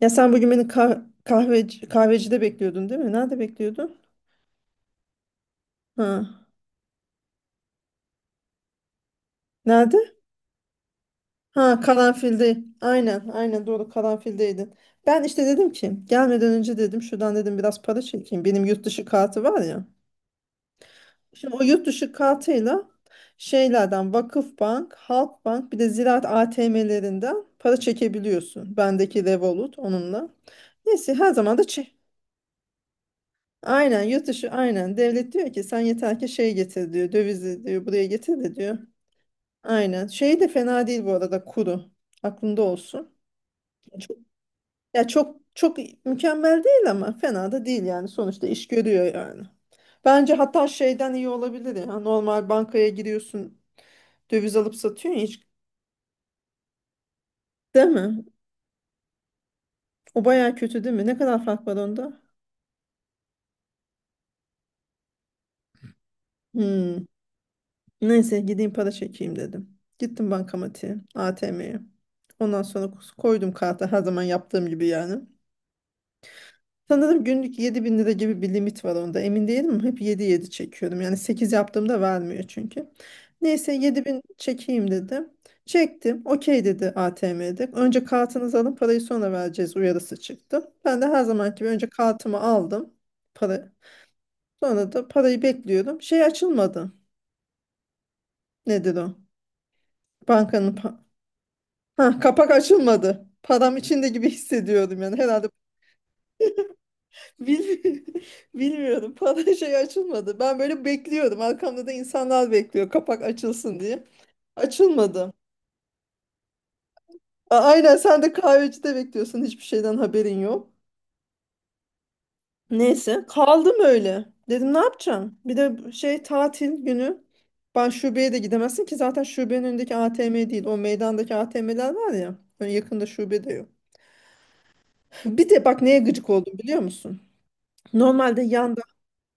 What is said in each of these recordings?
Ya sen bugün beni kahvecide bekliyordun değil mi? Nerede bekliyordun? Ha. Nerede? Ha, Karanfil'de. Aynen, aynen doğru Karanfil'deydin. Ben işte dedim ki gelmeden önce dedim şuradan dedim biraz para çekeyim. Benim yurt dışı kartı var ya. Şimdi o yurt dışı kartıyla şeylerden Vakıfbank, Halkbank bir de Ziraat ATM'lerinden para çekebiliyorsun. Bendeki Revolut onunla. Neyse her zaman da çek. Aynen yurt dışı aynen. Devlet diyor ki sen yeter ki şey getir diyor. Dövizi diyor buraya getir de diyor. Aynen. Şey de fena değil bu arada kuru. Aklında olsun. Çok, ya çok çok mükemmel değil ama fena da değil yani. Sonuçta iş görüyor yani. Bence hatta şeyden iyi olabilir ya. Normal bankaya giriyorsun döviz alıp satıyorsun ya hiç. Değil mi? O baya kötü değil mi? Ne kadar fark var onda? Hmm. Neyse gideyim para çekeyim dedim. Gittim bankamatiğe, ATM'ye. Ondan sonra koydum karta her zaman yaptığım gibi yani. Sanırım günlük 7000 lira gibi bir limit var onda. Emin değilim ama hep 7-7 çekiyorum. Yani 8 yaptığımda vermiyor çünkü. Neyse yedi bin çekeyim dedim. Çektim. Okey dedi ATM'de. Önce kartınızı alın parayı sonra vereceğiz uyarısı çıktı. Ben de her zaman gibi önce kartımı aldım. Para. Sonra da parayı bekliyorum. Şey açılmadı. Nedir o? Bankanın pa- Ha, kapak açılmadı. Param içinde gibi hissediyordum yani herhalde. Bilmi- Bilmiyorum. Para şey açılmadı. Ben böyle bekliyordum. Arkamda da insanlar bekliyor kapak açılsın diye. Açılmadı. Aynen sen de kahvecide bekliyorsun. Hiçbir şeyden haberin yok. Neyse kaldım öyle. Dedim ne yapacağım? Bir de şey tatil günü. Ben şubeye de gidemezsin ki zaten şubenin önündeki ATM değil. O meydandaki ATM'ler var ya. Hani yakında şube de yok. Bir de bak neye gıcık oldum biliyor musun? Normalde yan.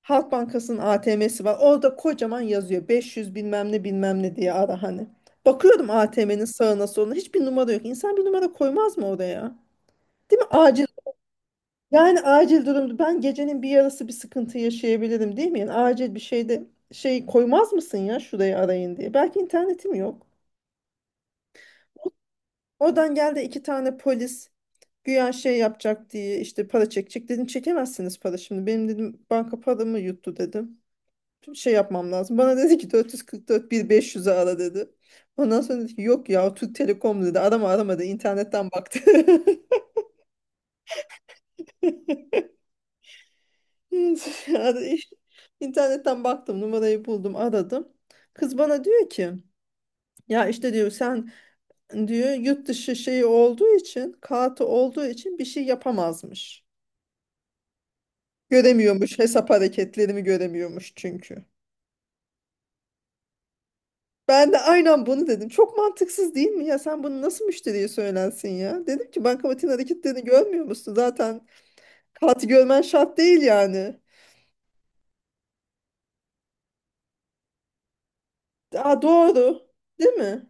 Halk Bankası'nın ATM'si var. Orada kocaman yazıyor. 500 bilmem ne bilmem ne diye ara hani. Bakıyorum ATM'nin sağına soluna hiçbir numara yok. İnsan bir numara koymaz mı oraya? Değil mi? Acil. Yani acil durumda ben gecenin bir yarısı bir sıkıntı yaşayabilirim değil mi? Yani acil bir şeyde şey koymaz mısın ya şurayı arayın diye. Belki internetim yok. Oradan geldi iki tane polis güya şey yapacak diye işte para çekecek. Dedim çekemezsiniz para şimdi. Benim dedim banka paramı yuttu dedim. Bir şey yapmam lazım. Bana dedi ki 444 1500'e ara dedi. Ondan sonra dedi ki yok ya Türk Telekom dedi. Arama aramadı internetten baktı. Yani İnternetten baktım numarayı buldum aradım. Kız bana diyor ki ya işte diyor sen diyor yurt dışı şeyi olduğu için kartı olduğu için bir şey yapamazmış. Göremiyormuş hesap hareketlerimi göremiyormuş çünkü. Ben de aynen bunu dedim. Çok mantıksız değil mi? Ya sen bunu nasıl müşteriye söylensin ya? Dedim ki bankamatiğin hareketlerini görmüyor musun? Zaten kağıt görmen şart değil yani. Aa, doğru. Değil mi?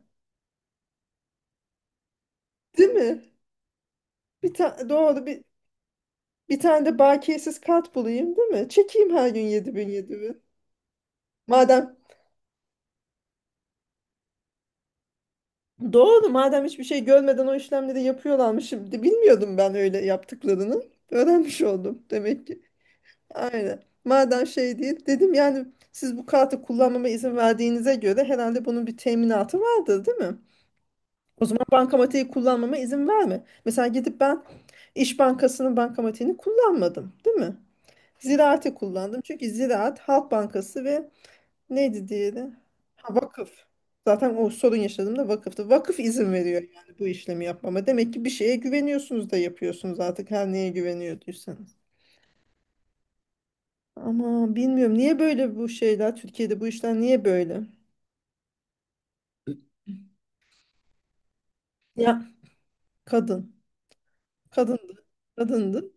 Değil mi? Doğru, bir tane de bakiyesiz kart bulayım değil mi? Çekeyim her gün 7000 7000. Madem doğru madem hiçbir şey görmeden o işlemleri yapıyorlarmış. Şimdi bilmiyordum ben öyle yaptıklarını. Öğrenmiş oldum demek ki. Aynen. Madem şey değil dedim yani siz bu kartı kullanmama izin verdiğinize göre herhalde bunun bir teminatı vardır değil mi? O zaman bankamatiği kullanmama izin verme. Mesela gidip ben İş Bankası'nın bankamatiğini kullanmadım değil mi? Ziraat'i kullandım. Çünkü Ziraat, Halk Bankası ve neydi diğeri? Ha, vakıf. Zaten o sorun yaşadığımda vakıftı. Vakıf izin veriyor yani bu işlemi yapmama. Demek ki bir şeye güveniyorsunuz da yapıyorsunuz artık her neye güveniyorduysanız. Ama bilmiyorum niye böyle bu şeyler Türkiye'de bu işler niye böyle? Ya kadın. Kadındı. Kadındı.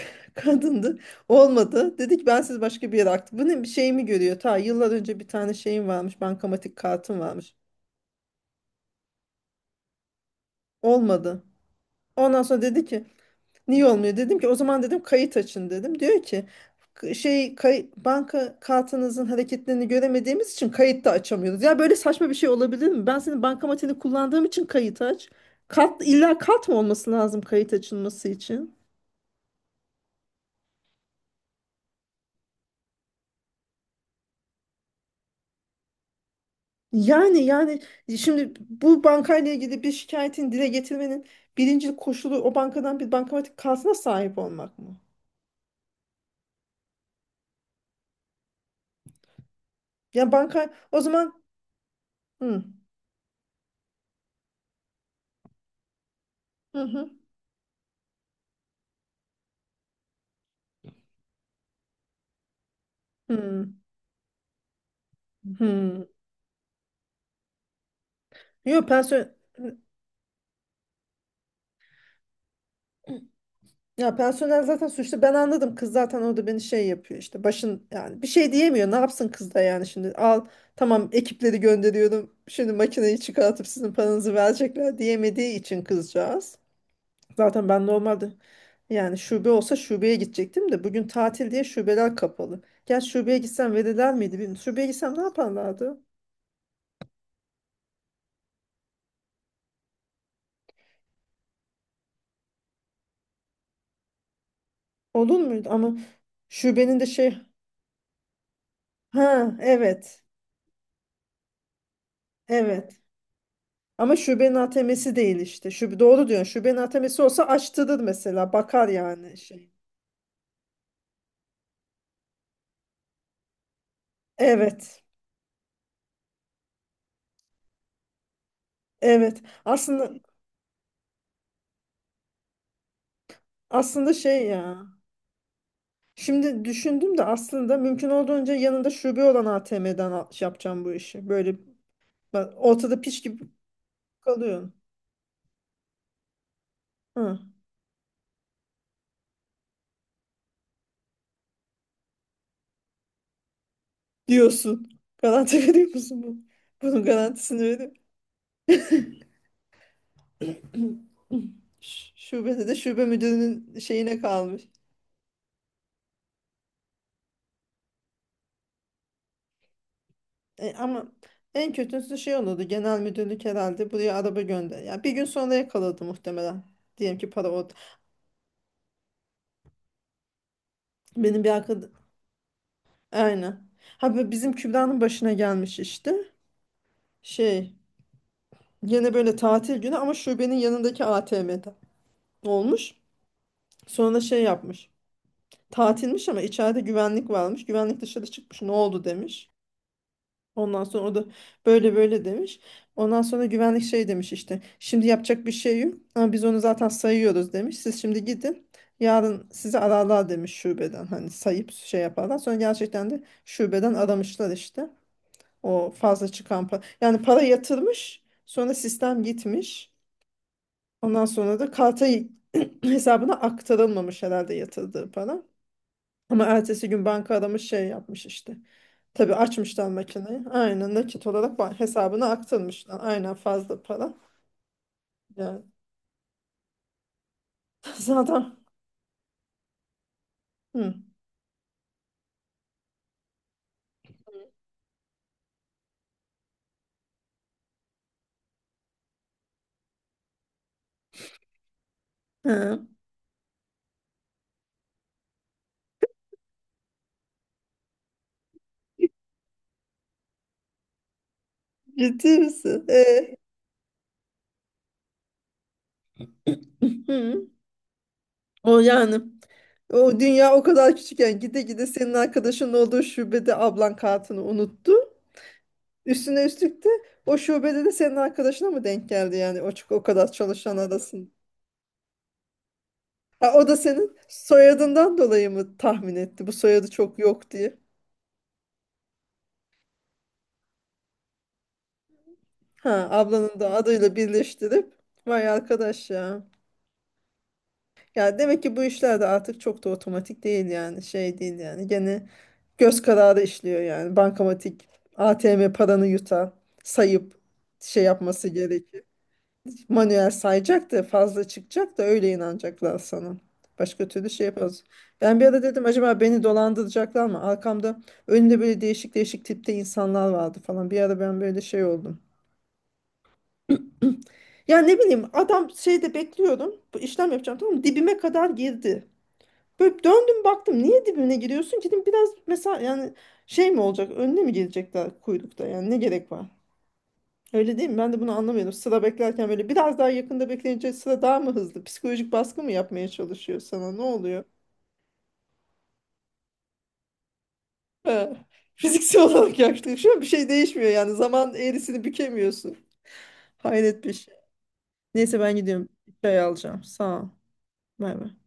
Kadındı. Olmadı. Dedi ki ben siz başka bir yere aktım. Bu ne bir şey mi görüyor? Ta yıllar önce bir tane şeyim varmış. Bankamatik kartım varmış. Olmadı. Ondan sonra dedi ki, niye olmuyor? Dedim ki o zaman dedim kayıt açın dedim. Diyor ki banka kartınızın hareketlerini göremediğimiz için kayıt da açamıyoruz. Ya böyle saçma bir şey olabilir mi? Ben senin bankamatini kullandığım için kayıt aç. Kart, illa kart mı olması lazım kayıt açılması için? Yani şimdi bu bankayla ilgili bir şikayetin dile getirmenin birinci koşulu o bankadan bir bankamatik kartına sahip olmak mı? Yani banka o zaman hı hı hı hı hı. Yok personel Ya personel zaten suçlu. Ben anladım. Kız zaten orada beni şey yapıyor işte. Başın yani bir şey diyemiyor. Ne yapsın kız da yani şimdi al tamam ekipleri gönderiyorum. Şimdi makineyi çıkartıp sizin paranızı verecekler diyemediği için kızcağız. Zaten ben normalde yani şube olsa şubeye gidecektim de bugün tatil diye şubeler kapalı. Gel şubeye gitsem verirler miydi bilmiyorum. Şubeye gitsem ne yaparlardı? Olur muydu? Ama şubenin de şey. Ha, evet, evet. Ama şubenin ATM'si değil işte. Şube, doğru diyorsun. Şubenin ATM'si olsa açtırır mesela. Bakar yani şey. Evet. Evet. Aslında şey ya. Şimdi düşündüm de aslında mümkün olduğunca yanında şube olan ATM'den şey yapacağım bu işi. Böyle ortada piş gibi kalıyorsun. Hı. Diyorsun. Garanti veriyor musun bu? Bunun garantisini veriyor. Şubede de şube müdürünün şeyine kalmış. E, ama en kötüsü şey olurdu. Genel müdürlük herhalde buraya araba gönder. Ya bir gün sonra yakaladı muhtemelen. Diyelim ki para orada. Benim bir arkadaşım aynen. Ha bu bizim Kübra'nın başına gelmiş işte. Şey yine böyle tatil günü ama şubenin yanındaki ATM'de olmuş. Sonra şey yapmış. Tatilmiş ama içeride güvenlik varmış. Güvenlik dışarı çıkmış. Ne oldu demiş. Ondan sonra o da böyle böyle demiş. Ondan sonra güvenlik şey demiş işte. Şimdi yapacak bir şey yok ama biz onu zaten sayıyoruz demiş. Siz şimdi gidin. Yarın sizi ararlar demiş şubeden. Hani sayıp şey yaparlar. Sonra gerçekten de şubeden aramışlar işte. O fazla çıkan para. Yani para yatırmış. Sonra sistem gitmiş. Ondan sonra da karta hesabına aktarılmamış herhalde yatırdığı para. Ama ertesi gün banka aramış şey yapmış işte. Tabii açmışlar makineyi. Aynen nakit olarak hesabına aktarmışlar. Aynen fazla para. Yani zaten hı. Hı. Ciddi misin? E? Hı. O yani o dünya o kadar küçükken gide gide senin arkadaşın olduğu şubede ablan kartını unuttu. Üstüne üstlük de o şubede de senin arkadaşına mı denk geldi yani o, o kadar çalışan arasında? Ha, o da senin soyadından dolayı mı tahmin etti bu soyadı çok yok diye? Ha, ablanın da adıyla birleştirip vay arkadaş ya. Ya demek ki bu işler de artık çok da otomatik değil yani şey değil yani gene göz kararı işliyor yani bankamatik ATM paranı yutar sayıp şey yapması gerekir. Manuel sayacak da fazla çıkacak da öyle inanacaklar sana. Başka türlü şey yapamaz. Ben bir ara dedim acaba beni dolandıracaklar mı? Arkamda önünde böyle değişik değişik tipte insanlar vardı falan. Bir ara ben böyle şey oldum. Ya ne bileyim adam şeyde bekliyorum. Bu işlem yapacağım tamam mı? Dibime kadar girdi. Böyle döndüm baktım. Niye dibine giriyorsun ki? Dedim biraz mesela yani şey mi olacak? Önüne mi gelecekler kuyrukta? Yani ne gerek var? Öyle değil mi? Ben de bunu anlamıyorum. Sıra beklerken böyle biraz daha yakında bekleyince sıra daha mı hızlı? Psikolojik baskı mı yapmaya çalışıyor sana? Ne oluyor? He. Fiziksel olarak yaklaşıyor. Bir şey değişmiyor yani. Zaman eğrisini bükemiyorsun. Hayret bir şey. Neyse ben gidiyorum. Bir çay alacağım. Sağ ol. Bay bay.